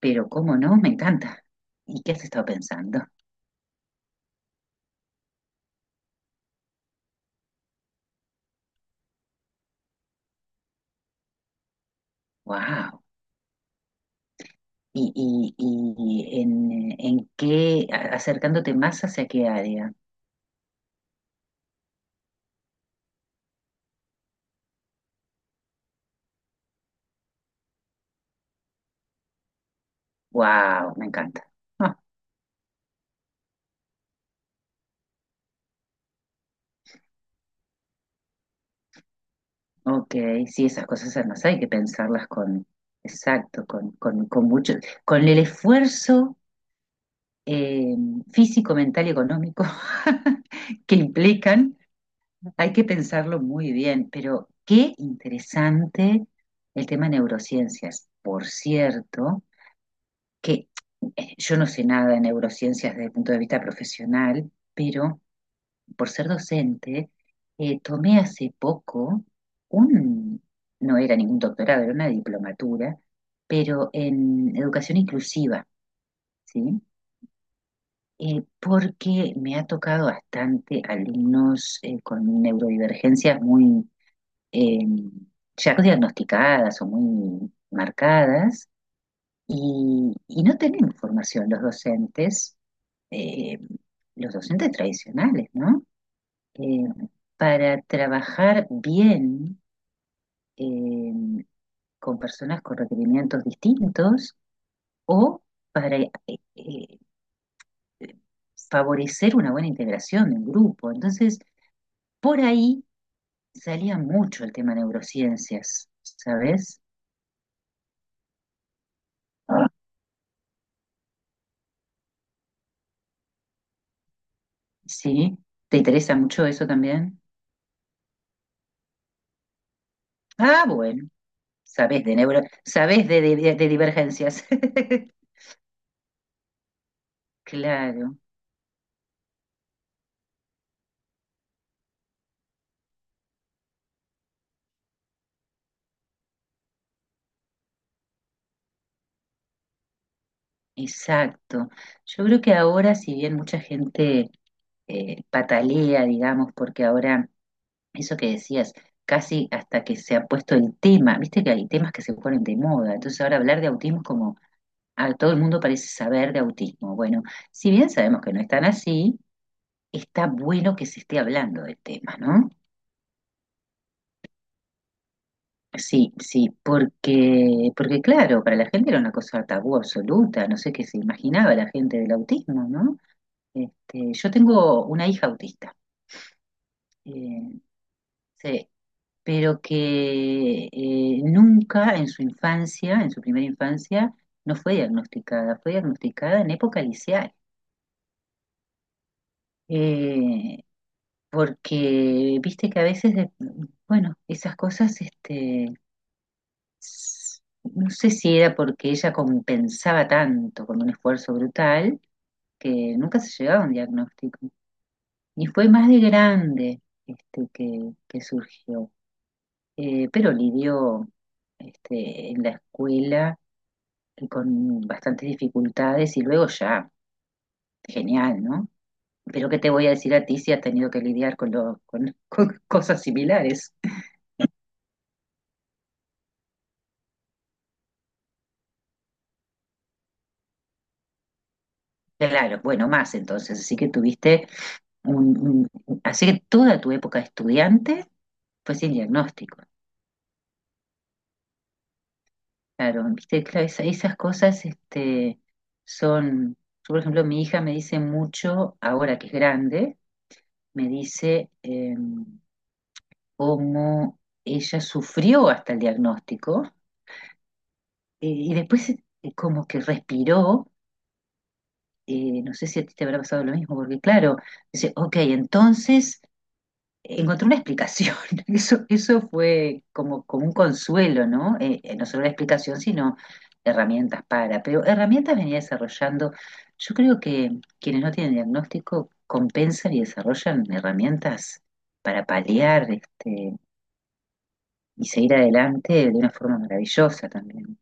Pero cómo no, me encanta. ¿Y qué has estado pensando? Wow. ¿Y, en qué, acercándote más hacia qué área? Wow, me encanta. Ah, ok, sí, esas cosas además hay que pensarlas con, exacto, con mucho, con el esfuerzo eh, físico, mental y económico que implican, hay que pensarlo muy bien. Pero qué interesante el tema neurociencias, por cierto. Que yo no sé nada de neurociencias desde el punto de vista profesional, pero por ser docente, tomé hace poco un, no era ningún doctorado, era una diplomatura, pero en educación inclusiva, ¿sí? Porque me ha tocado bastante alumnos con neurodivergencias muy eh, ya no diagnosticadas o muy marcadas y, no tenemos formación los docentes, eh, los docentes tradicionales, ¿no? Eh, para trabajar bien eh, con personas con requerimientos distintos o para eh, favorecer una buena integración del grupo. Entonces, por ahí salía mucho el tema neurociencias, ¿sabes? Sí, ¿te interesa mucho eso también? Ah, bueno, sabes de neuro, sabes de, de divergencias. Claro. Exacto. Yo creo que ahora, si bien mucha gente patalea, digamos, porque ahora, eso que decías, casi hasta que se ha puesto el tema, viste que hay temas que se ponen de moda, entonces ahora hablar de autismo es como, a todo el mundo parece saber de autismo. Bueno, si bien sabemos que no es tan así, está bueno que se esté hablando del tema, ¿no? Sí, sí, porque claro, para la gente era una cosa tabú absoluta, no sé qué se imaginaba la gente del autismo, ¿no? Este, yo tengo una hija autista, eh, sí, pero que nunca en su infancia, en su primera infancia, no fue diagnosticada, fue diagnosticada en época liceal. Eh, Porque viste que a veces, bueno, esas cosas, este, no sé si era porque ella compensaba tanto con un esfuerzo brutal que nunca se llegaba a un diagnóstico. Y fue más de grande este, que surgió. Pero lidió este, en la escuela con bastantes dificultades y luego ya, genial, ¿no? Pero ¿qué te voy a decir a ti si has tenido que lidiar con, con, con cosas similares? Claro, bueno, más entonces, así que tuviste un, así que toda tu época de estudiante fue sin diagnóstico. Claro, viste, claro, esas cosas este, son, yo por ejemplo, mi hija me dice mucho, ahora que es grande, me dice... em, cómo ella sufrió hasta el diagnóstico, y después como que respiró, no sé si a ti te habrá pasado lo mismo, porque claro, dice, ok, entonces encontré una explicación, eso fue como, como un consuelo, ¿no? No solo la explicación, sino herramientas para, pero herramientas venía desarrollando, yo creo que quienes no tienen diagnóstico compensan y desarrollan herramientas para paliar este, y seguir adelante de una forma maravillosa también.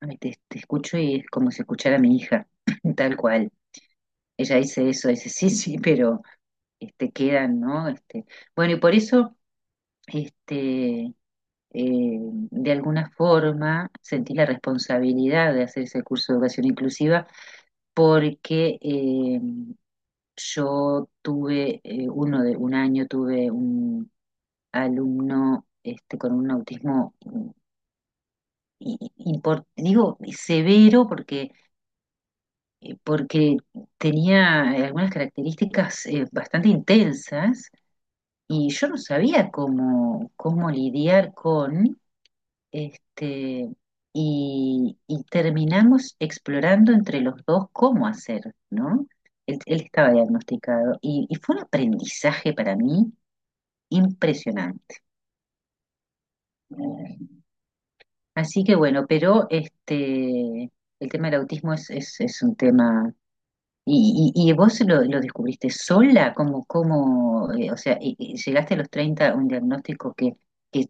Ay, te escucho y es como si escuchara a mi hija, tal cual. Ella dice eso, dice sí, sí, pero este, quedan, ¿no? Este, bueno, y por eso, este, eh, de alguna forma, sentí la responsabilidad de hacer ese curso de educación inclusiva porque yo tuve, un año tuve un alumno este, con un autismo y, digo severo porque, porque tenía algunas características bastante intensas y yo no sabía cómo, cómo lidiar con este y terminamos explorando entre los dos cómo hacer, ¿no? Él estaba diagnosticado y fue un aprendizaje para mí impresionante. Así que bueno, pero este, el tema del autismo es, es un tema. ¿Y, vos lo descubriste sola? ¿Cómo, cómo, o sea, y llegaste a los 30 a un diagnóstico que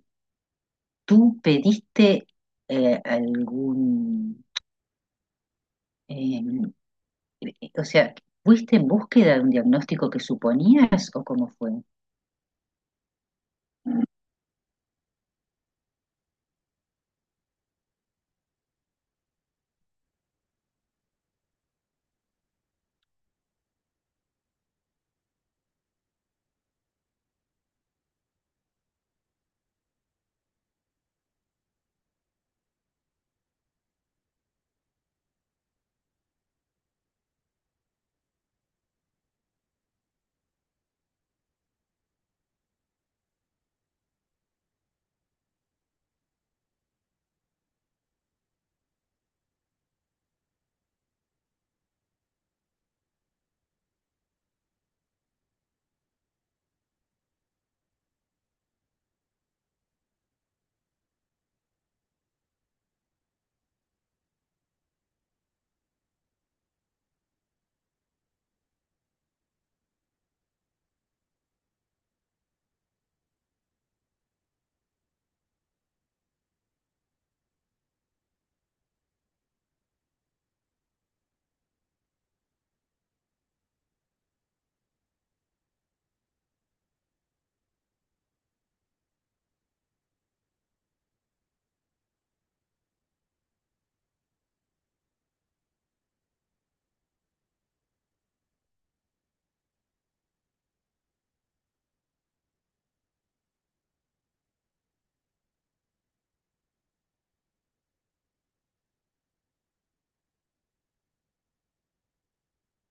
tú pediste eh, algún, eh, o sea, ¿fuiste en búsqueda de un diagnóstico que suponías o cómo fue?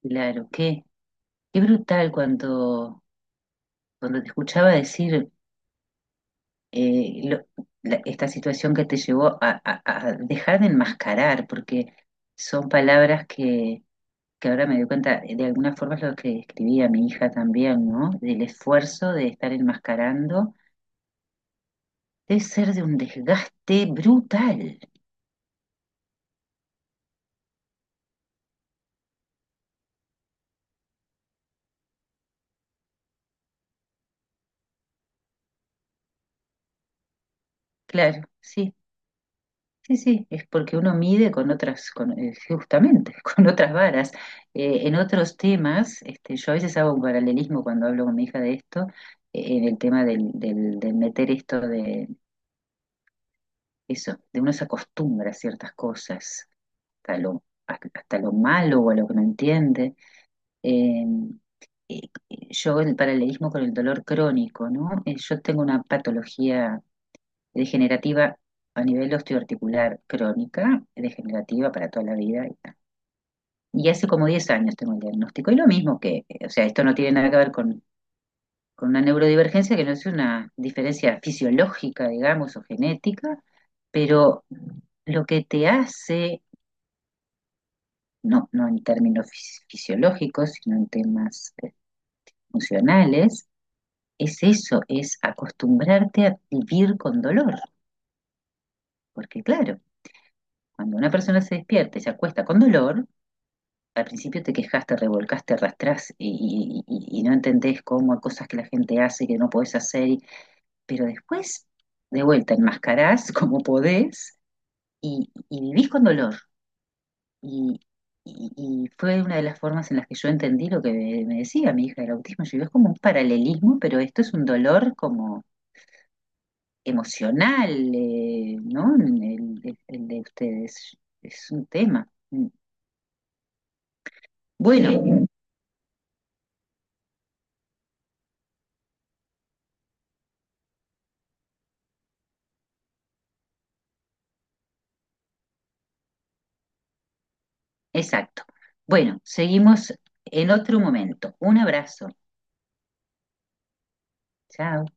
Claro, qué, qué brutal cuando, cuando te escuchaba decir eh, lo- esta situación que te llevó a, a dejar de enmascarar, porque son palabras que ahora me doy cuenta, de alguna forma es lo que escribía mi hija también, ¿no? Del esfuerzo de estar enmascarando, debe ser de un desgaste brutal. Claro, sí, sí, sí, es porque uno mide con otras, con, justamente, con otras varas. En otros temas, este, yo a veces hago un paralelismo cuando hablo con mi hija de esto, en el tema del meter esto de eso, de uno se acostumbra a ciertas cosas, hasta lo malo o a lo que no entiende. eh, eh, yo el paralelismo con el dolor crónico, ¿no? Yo tengo una patología degenerativa a nivel osteoarticular crónica, degenerativa para toda la vida. Y tal. Y hace como 10 años tengo el diagnóstico. Y lo mismo que, o sea, esto no tiene nada que ver con una neurodivergencia, que no es una diferencia fisiológica, digamos, o genética, pero lo que te hace, no, no en términos fisiológicos, sino en temas funcionales, es eso, es acostumbrarte a vivir con dolor. Porque claro, cuando una persona se despierta y se acuesta con dolor, al principio te quejas, te revolcas, te arrastrás y, y no entendés cómo hay cosas que la gente hace que no podés hacer, pero después, de vuelta, enmascarás como podés y vivís con dolor. Y, y fue una de las formas en las que yo entendí lo que me decía mi hija del autismo. Yo digo, es como un paralelismo, pero esto es un dolor como emocional, ¿no? El, el de ustedes es un tema. Bueno, sí. Exacto. Bueno, seguimos en otro momento. Un abrazo. Chao.